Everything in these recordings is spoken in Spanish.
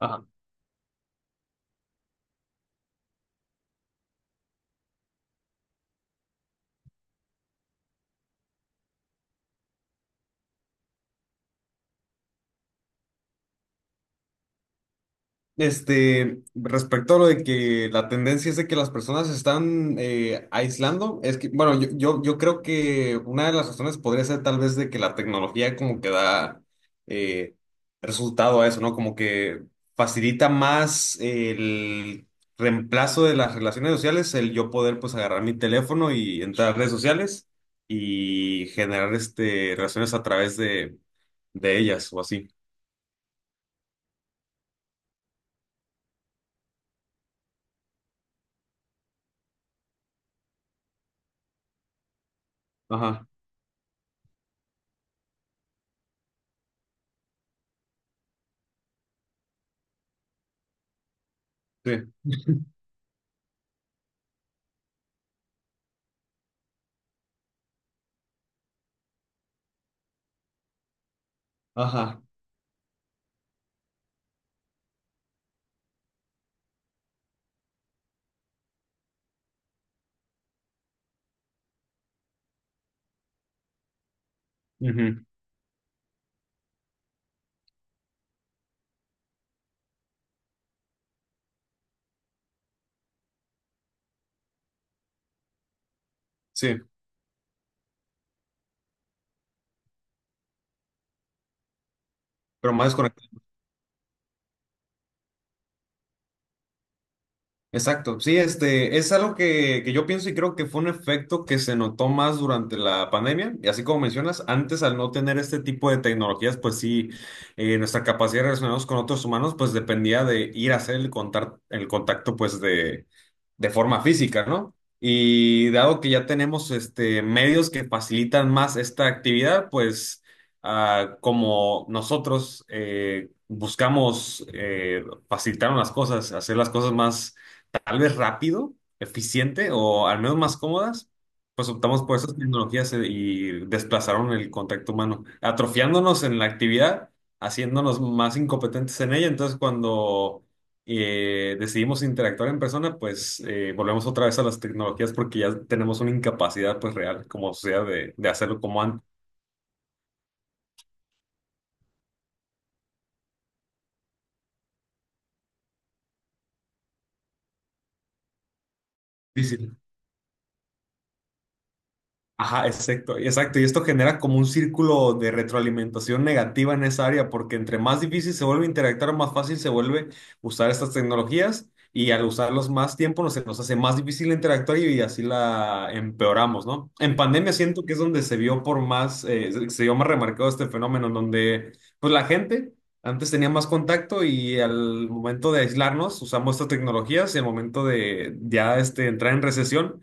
Ajá. Respecto a lo de que la tendencia es de que las personas se están aislando, es que, bueno, yo creo que una de las razones podría ser tal vez de que la tecnología como que da eh, resultado a eso, ¿no? Como que facilita más el reemplazo de las relaciones sociales, el yo poder pues agarrar mi teléfono y entrar a redes sociales y generar relaciones a través de ellas o así. Ajá, sí, ajá. Ujú. Sí, pero más desconectado. Exacto, sí, es algo que yo pienso y creo que fue un efecto que se notó más durante la pandemia. Y así como mencionas, antes al no tener este tipo de tecnologías, pues sí, nuestra capacidad de relacionarnos con otros humanos, pues dependía de ir a hacer el el contacto, pues de forma física, ¿no? Y dado que ya tenemos medios que facilitan más esta actividad, pues ah, como nosotros buscamos facilitar las cosas, hacer las cosas más tal vez rápido, eficiente o al menos más cómodas, pues optamos por esas tecnologías y desplazaron el contacto humano, atrofiándonos en la actividad, haciéndonos más incompetentes en ella. Entonces, cuando decidimos interactuar en persona, pues volvemos otra vez a las tecnologías porque ya tenemos una incapacidad pues real como sociedad de hacerlo como antes. Ajá, exacto, exacto. Y esto genera como un círculo de retroalimentación negativa en esa área, porque entre más difícil se vuelve interactuar, más fácil se vuelve usar estas tecnologías y al usarlos más tiempo se nos hace más difícil interactuar y así la empeoramos, ¿no? En pandemia siento que es donde se vio por más, se vio más remarcado este fenómeno, en donde pues la gente antes tenía más contacto y al momento de aislarnos usamos estas tecnologías y al momento de ya entrar en recesión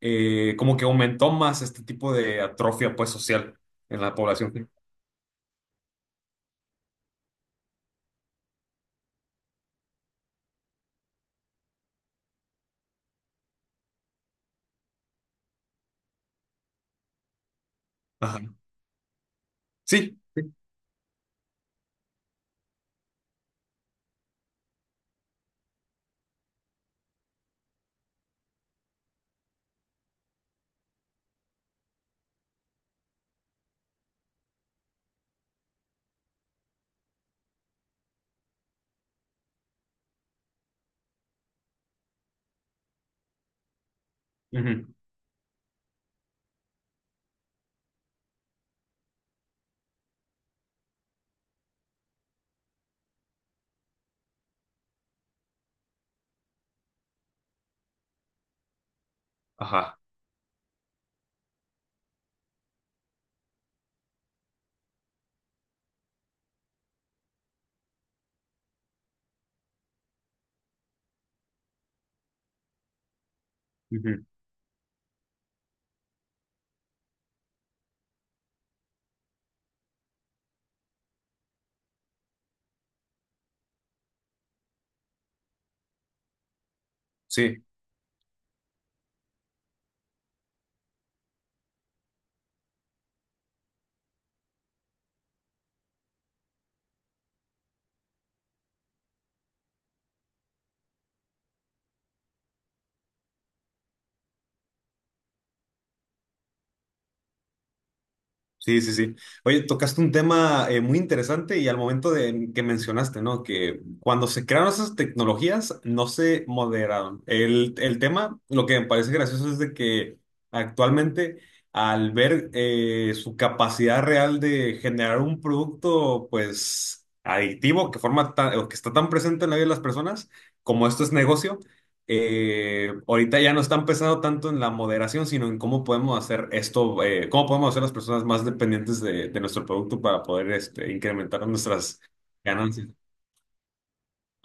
como que aumentó más este tipo de atrofia pues social en la población. Ajá. Sí. Ujú. Ajá. Ujú. Sí. Sí, sí, sí. Oye, tocaste un tema muy interesante y al momento de que mencionaste, ¿no? Que cuando se crearon esas tecnologías no se moderaron. El tema, lo que me parece gracioso es de que actualmente al ver su capacidad real de generar un producto, pues, adictivo, que o que está tan presente en la vida de las personas, como esto es negocio ahorita ya no están pensando tanto en la moderación, sino en cómo podemos hacer esto, cómo podemos hacer las personas más dependientes de nuestro producto para poder incrementar nuestras ganancias.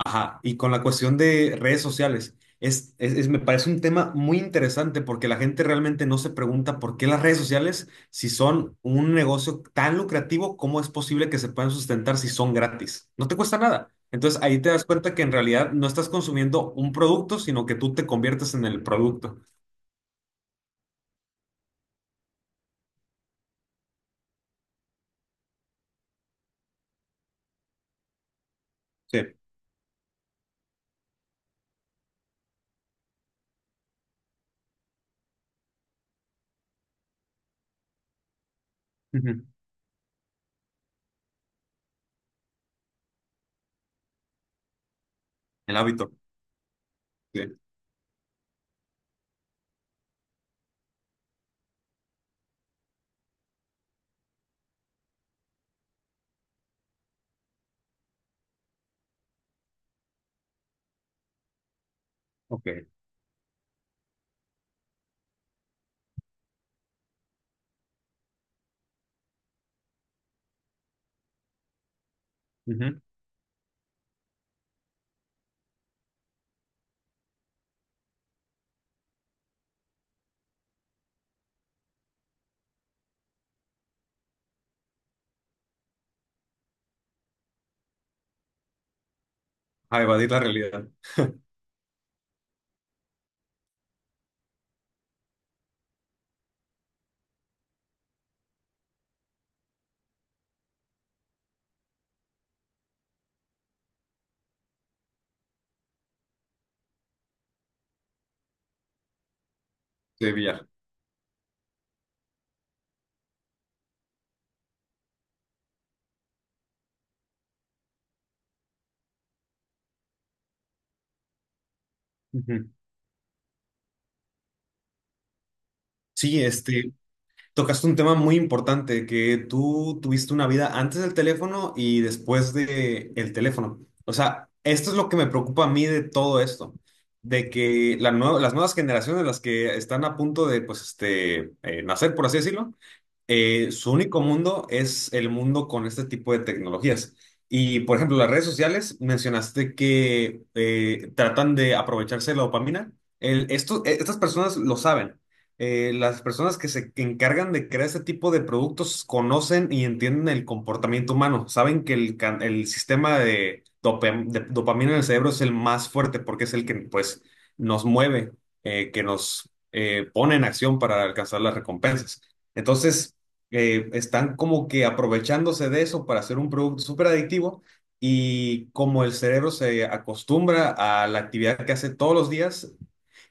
Ajá, y con la cuestión de redes sociales, me parece un tema muy interesante porque la gente realmente no se pregunta por qué las redes sociales, si son un negocio tan lucrativo, ¿cómo es posible que se puedan sustentar si son gratis? No te cuesta nada. Entonces ahí te das cuenta que en realidad no estás consumiendo un producto, sino que tú te conviertes en el producto. Sí. Ujú. El hábito. Sí. Ok. Ujú. A evadir la realidad de billar. Ujú. Sí, tocaste un tema muy importante, que tú tuviste una vida antes del teléfono y después de el teléfono. O sea, esto es lo que me preocupa a mí de todo esto, de que las nuevas generaciones, las que están a punto de, pues, nacer, por así decirlo, su único mundo es el mundo con este tipo de tecnologías. Y, por ejemplo, las redes sociales, mencionaste que tratan de aprovecharse de la dopamina. Estas personas lo saben. Las personas que se encargan de crear este tipo de productos conocen y entienden el comportamiento humano. Saben que el sistema de dopamina en el cerebro es el más fuerte porque es el que, pues, nos mueve, que nos pone en acción para alcanzar las recompensas. Entonces, están como que aprovechándose de eso para hacer un producto súper adictivo y como el cerebro se acostumbra a la actividad que hace todos los días,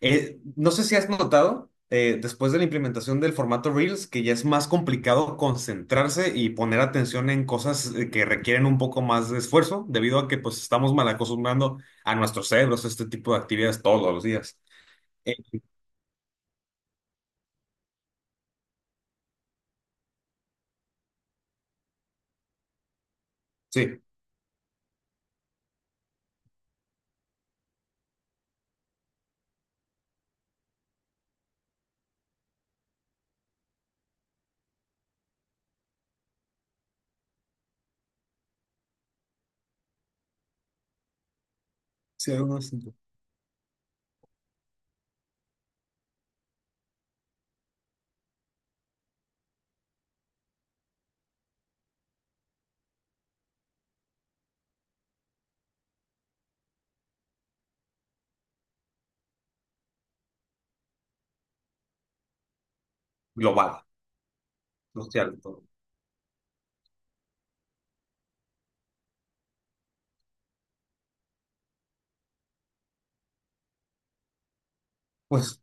no sé si has notado, después de la implementación del formato Reels, que ya es más complicado concentrarse y poner atención en cosas que requieren un poco más de esfuerzo, debido a que pues estamos mal acostumbrando a nuestros cerebros a este tipo de actividades todos los días. Eh, sí, sí, hay un asunto global, social, todo. Pues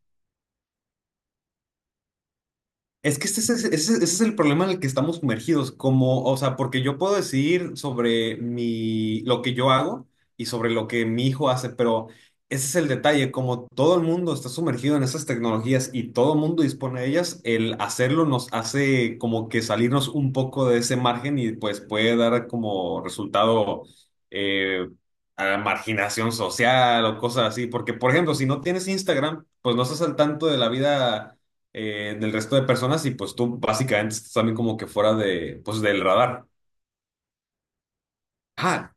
es que ese es el problema en el que estamos sumergidos, como, o sea, porque yo puedo decidir sobre mi, lo que yo hago y sobre lo que mi hijo hace, pero ese es el detalle, como todo el mundo está sumergido en esas tecnologías y todo el mundo dispone de ellas, el hacerlo nos hace como que salirnos un poco de ese margen y pues puede dar como resultado eh, a la marginación social o cosas así, porque por ejemplo, si no tienes Instagram, pues no estás al tanto de la vida del resto de personas y pues tú básicamente estás también como que fuera de, pues del radar. Ah,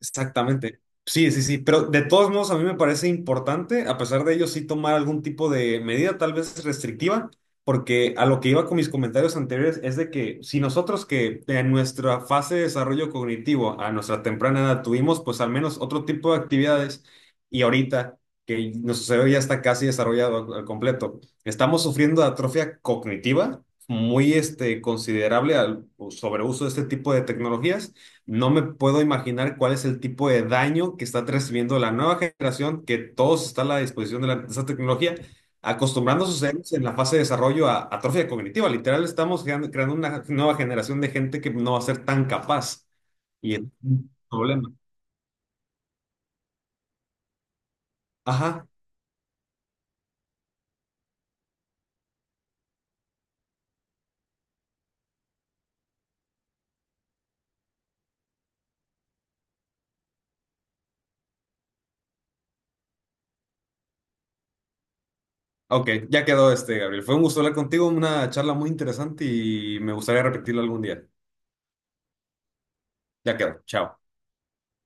exactamente. Sí, sí, sí, pero de todos modos a mí me parece importante, a pesar de ello, sí tomar algún tipo de medida, tal vez restrictiva, porque a lo que iba con mis comentarios anteriores es de que si nosotros que en nuestra fase de desarrollo cognitivo a nuestra temprana edad tuvimos pues al menos otro tipo de actividades y ahorita que nuestro cerebro ya está casi desarrollado al completo, estamos sufriendo de atrofia cognitiva muy considerable al sobreuso de este tipo de tecnologías. No me puedo imaginar cuál es el tipo de daño que está recibiendo la nueva generación, que todos está a la disposición de, de esa tecnología, acostumbrando a sus cerebros en la fase de desarrollo a atrofia cognitiva. Literal, estamos creando una nueva generación de gente que no va a ser tan capaz. Y es un problema. Ajá. Ok, ya quedó Gabriel. Fue un gusto hablar contigo, una charla muy interesante y me gustaría repetirlo algún día. Ya quedó. Chao.